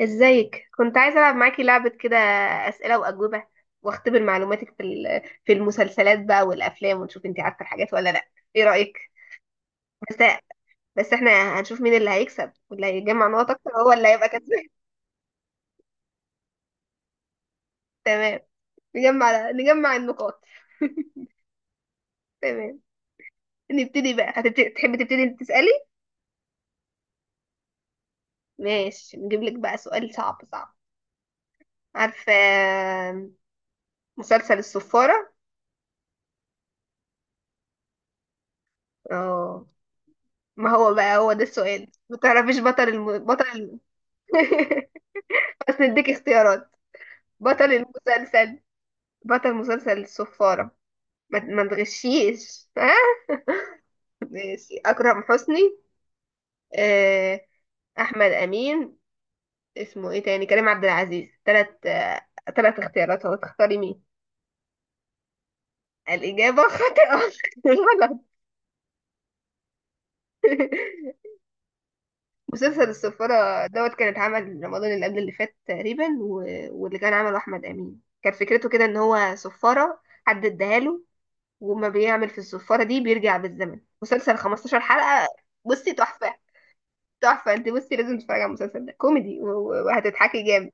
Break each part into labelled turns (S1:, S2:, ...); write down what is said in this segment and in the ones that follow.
S1: ازيك؟ كنت عايزة ألعب معاكي لعبة كده، أسئلة وأجوبة، واختبر معلوماتك في المسلسلات بقى والأفلام، ونشوف انتي عارفة الحاجات ولا لأ. ايه رأيك؟ بس بس احنا هنشوف مين اللي هيكسب، واللي هيجمع نقط أكتر هو اللي هيبقى كسبان. تمام. نجمع النقاط. تمام. نبتدي بقى، هتبتدي، تحبي تبتدي انت تسألي؟ ماشي، نجيب لك بقى سؤال صعب صعب. عارفة مسلسل الصفارة؟ اه. ما هو بقى هو ده السؤال، ما تعرفيش بس نديك اختيارات. بطل المسلسل، بطل مسلسل الصفارة. ما تغشيش ها. ماشي، أكرم حسني، آه، أحمد أمين، اسمه ايه تاني، كريم عبد العزيز. تلات تلات اختيارات، هو تختاري مين؟ الإجابة خاطئة. غلط. مسلسل الصفارة دوت كان اتعمل رمضان اللي قبل اللي فات تقريبا واللي كان عمله أحمد أمين. كان فكرته كده إن هو صفارة حد اداها له، وما بيعمل في الصفارة دي بيرجع بالزمن. مسلسل 15 حلقة. بصي، تحفة. تحفة. انت بصي، لازم تتفرجي على المسلسل ده، كوميدي وهتضحكي جامد.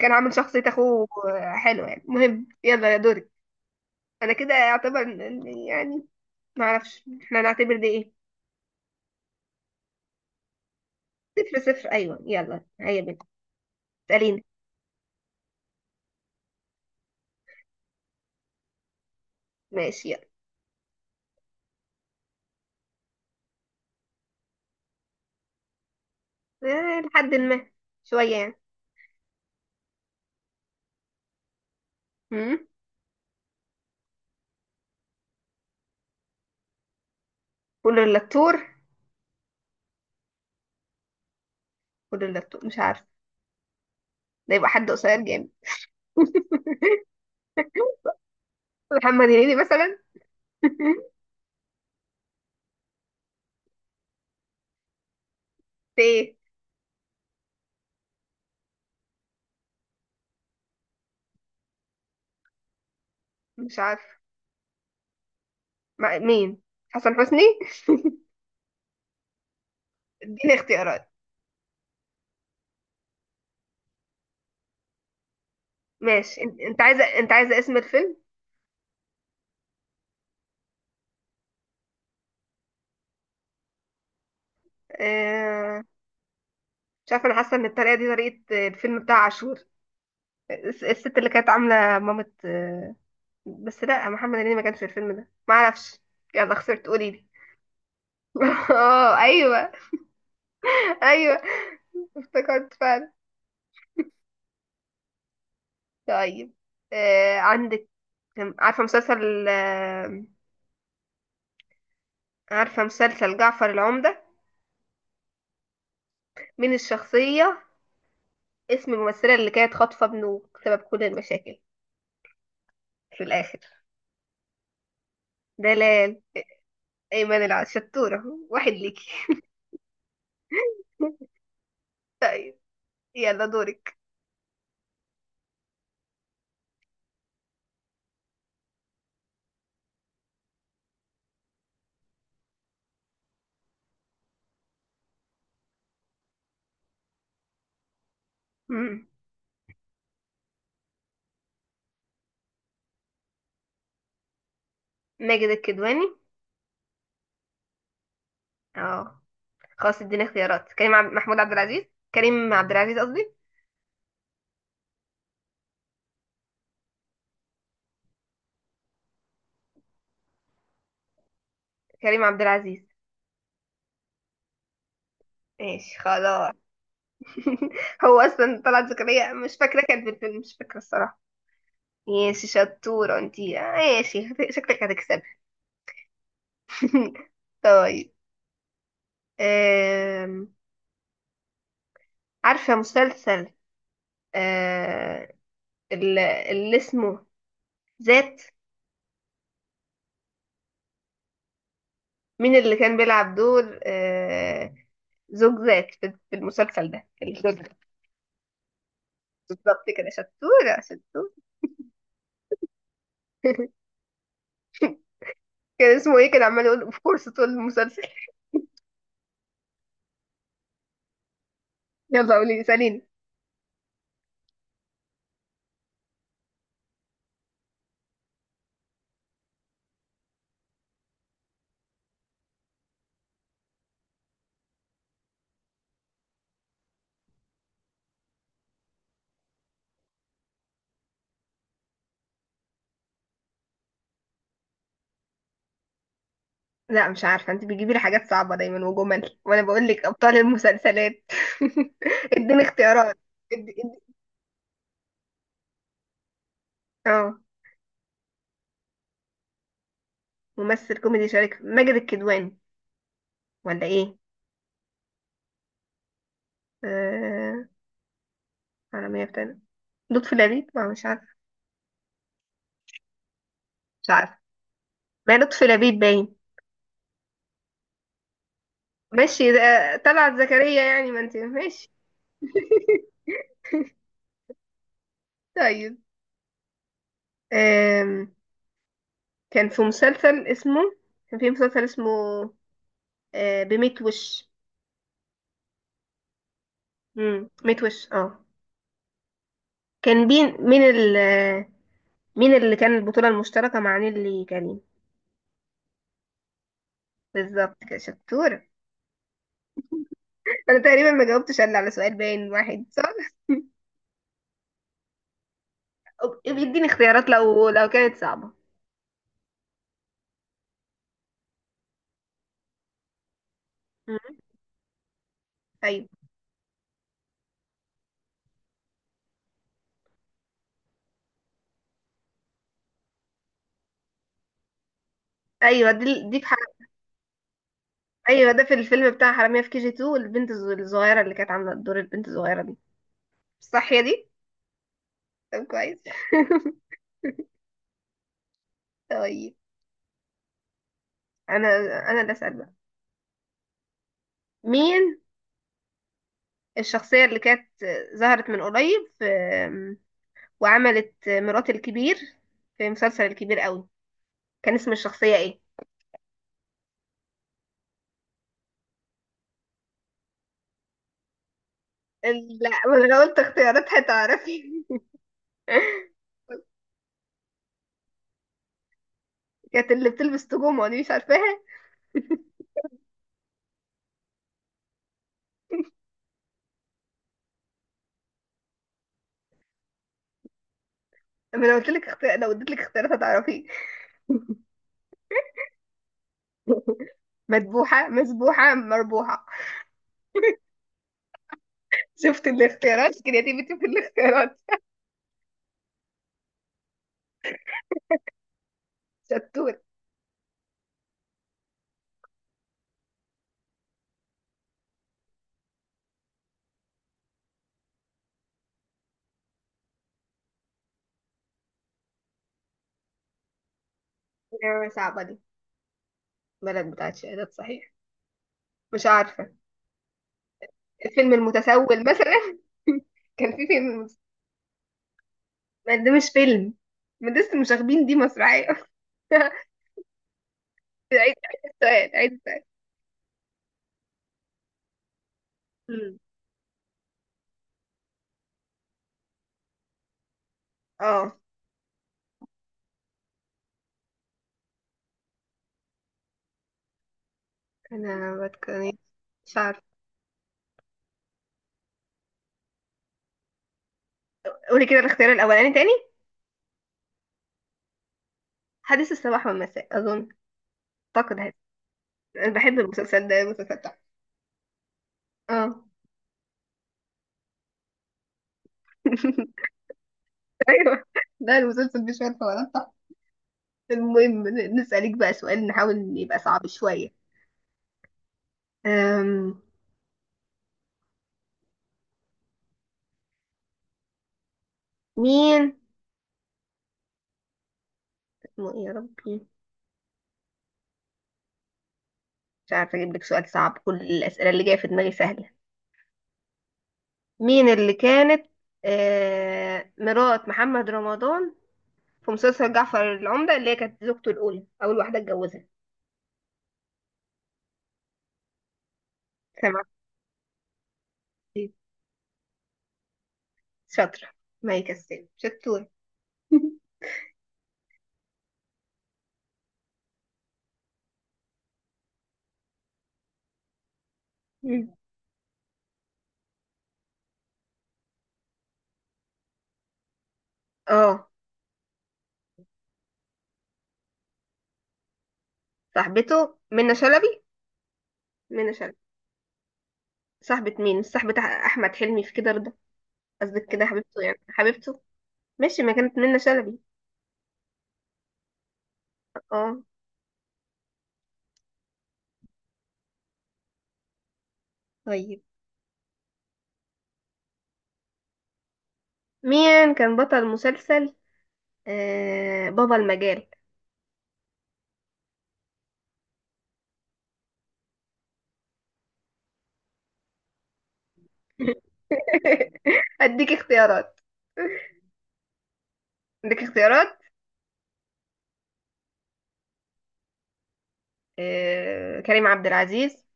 S1: كان عامل شخصية اخوه. حلوة يعني. المهم، يلا يا دورك. انا كده اعتبر يعني، ما اعرفش احنا نعتبر ده ايه. صفر صفر، ايوه. يلا هيا بنت، اسأليني. ماشي يلا. لحد ما، شوية يعني. امم كل اللتور كل اللتور، مش عارفة. ده يبقى حد قصير جامد، محمد هنيدي مثلا. في ايه؟ مش عارفة. مع مين؟ حسن حسني. اديني اختيارات. ماشي. انت عايزه اسم الفيلم؟ آه... مش عارفه. انا حاسه ان الطريقه دي طريقه الفيلم بتاع عاشور، الست اللي كانت عامله مامة. بس لا، محمد هنيدي ما كانش في الفيلم ده. ما اعرفش. يلا خسرت، قولي لي. اه ايوه. ايوه، افتكرت فعلا. طيب، عندك. عارفه مسلسل جعفر العمدة؟ مين الشخصيه؟ اسم الممثله اللي كانت خاطفه ابنه، سبب كل المشاكل في الآخر. دلال. أيمن شطورة. واحد ليكي. يلا دورك. مم. ماجد الكدواني. اه. خلاص اديني اختيارات. محمود عبد العزيز. كريم عبد العزيز قصدي. كريم عبد العزيز. ماشي خلاص. هو اصلا طلعت زكريا مش فاكره كانت في الفيلم، مش فاكره الصراحه. ماشي، شطوره انتي. ماشي، شكلك هتكسبي. طيب. آم، عارفه مسلسل آه، اللي اسمه ذات؟ مين اللي كان بيلعب دور زوج ذات في المسلسل ده، الزوج. بالظبط كده، شطورة شطورة. كان اسمه ايه؟ كان عمال يقول اوف كورس طول المسلسل. يلا قولي ساليني. لا مش عارفة، انت بتجيبي لي حاجات صعبة دايما وجمل، وانا بقول لك ابطال المسلسلات. اديني اختيارات. ادي ادي اه. ممثل كوميدي شارك ماجد الكدواني، ولا ايه؟ آه... على مية بتاعنا لطفي لبيب. ما مش عارفة. ما لطفي لبيب باين. ماشي ده طلعت زكريا يعني، ما انت ماشي. طيب. آم، كان في مسلسل اسمه كان في مسلسل اسمه بميت وش. ميت وش اه. كان بين مين مين اللي كان البطولة المشتركة مع نيللي كريم؟ بالظبط كده، شطورة. انا تقريبا ما جاوبتش الا على سؤال، باين واحد صح. يديني اختيارات لو كانت صعبة. مم. ايوه، ايوه، دي دي في ايوه ده في الفيلم بتاع حرامية في كي جي 2، البنت الصغيرة اللي كانت عاملة دور البنت الصغيرة دي، صح يا دي؟ طب كويس. طيب، انا، انا اللي اسال بقى. مين الشخصية اللي كانت ظهرت من قريب في وعملت مرات الكبير في مسلسل الكبير قوي؟ كان اسم الشخصية ايه؟ لا، ما انا لو قلت اختيارات هتعرفي. كانت اللي بتلبس تجوم دي، مش عارفاها؟ ما انا لو قلت لك اختيار، لو اديت لك اختيارات هتعرفي. مذبوحة، مذبوحة، مربوحة. شفت الاختيارات، كرياتيفيتي في الاختيارات. شطور. نعمة صعبة دي. بلد بتاعت شهادات صحيح؟ مش عارفة. الفيلم المتسول مثلا. كان في ما ده مش فيلم، ما ده لسه مش واخدين، دي مسرحية. عيد السؤال. مم. اه. انا بتكلم، مش عارفة. قولي كده الاختيار الاولاني تاني. حديث الصباح والمساء اظن. اعتقد هت- انا بحب المسلسل ده، المسلسل بتاعه. اه. ايوه، ده المسلسل مش عارفة ولا. المهم نسألك بقى سؤال نحاول يبقى صعب شوية. أم... مين اسمه ايه يا ربي؟ مش عارفة اجيب لك سؤال صعب، كل الأسئلة اللي جاية في دماغي سهلة. مين اللي كانت مرات محمد رمضان في مسلسل جعفر العمدة، اللي هي كانت زوجته الأولى، أول واحدة اتجوزها؟ سمعت. إيه؟ شاطرة. ما يكسب، شطورة. مم. اه. صاحبته. منى شلبي. منى شلبي. صاحبة مين؟ مش صاحبة أحمد حلمي في كده رضا. قصدك كده حبيبته، يعني حبيبته. ماشي، ما كانت منة شلبي. اه. طيب، مين كان بطل مسلسل بابا المجال؟ اديك اختيارات. اديك اختيارات. كريم عبد العزيز.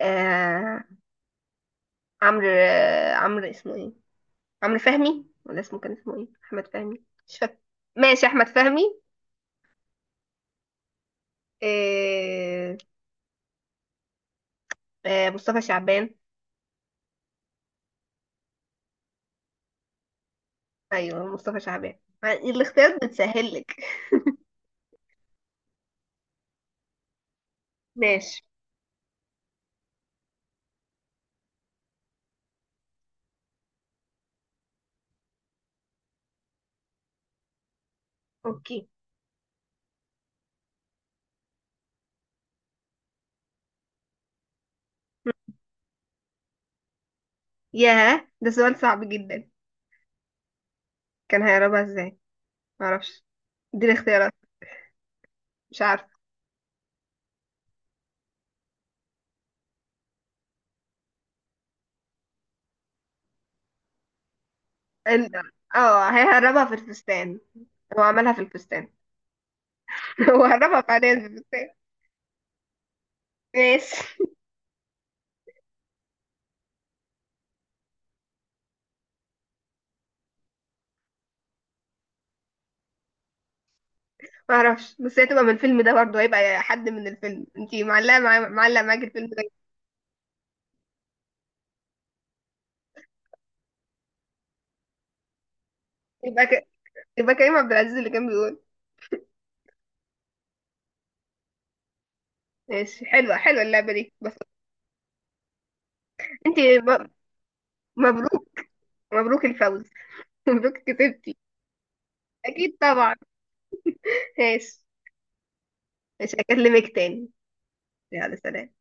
S1: آه عمرو اسمه ايه، عمرو فهمي ولا اسمه كان اسمه ايه، احمد فهمي مش فاكر. ماشي، احمد فهمي. آه مصطفى شعبان. ايوه مصطفى شعبان. الاختيارات بتسهل لك. ماشي. اوكي. ياه، ده سؤال صعب جدا. كان هيهربها ازاي؟ معرفش. اديني اختيارات. مش عارفه. ال... اه هيهربها في الفستان. هو عملها في الفستان. هو هربها فعليا في الفستان. ماشي. معرفش، بس هي تبقى من الفيلم ده برضه، هيبقى حد من الفيلم. انتي معلقه معايا، معلقه معاكي الفيلم ده. يبقى ك... يبقى كريم عبد العزيز اللي كان بيقول. ماشي، حلوه، حلوه اللعبه دي بس. انتي م... مبروك، مبروك الفوز. مبروك كسبتي. اكيد طبعا. ماشي. مش هكلمك تاني. يلا سلام.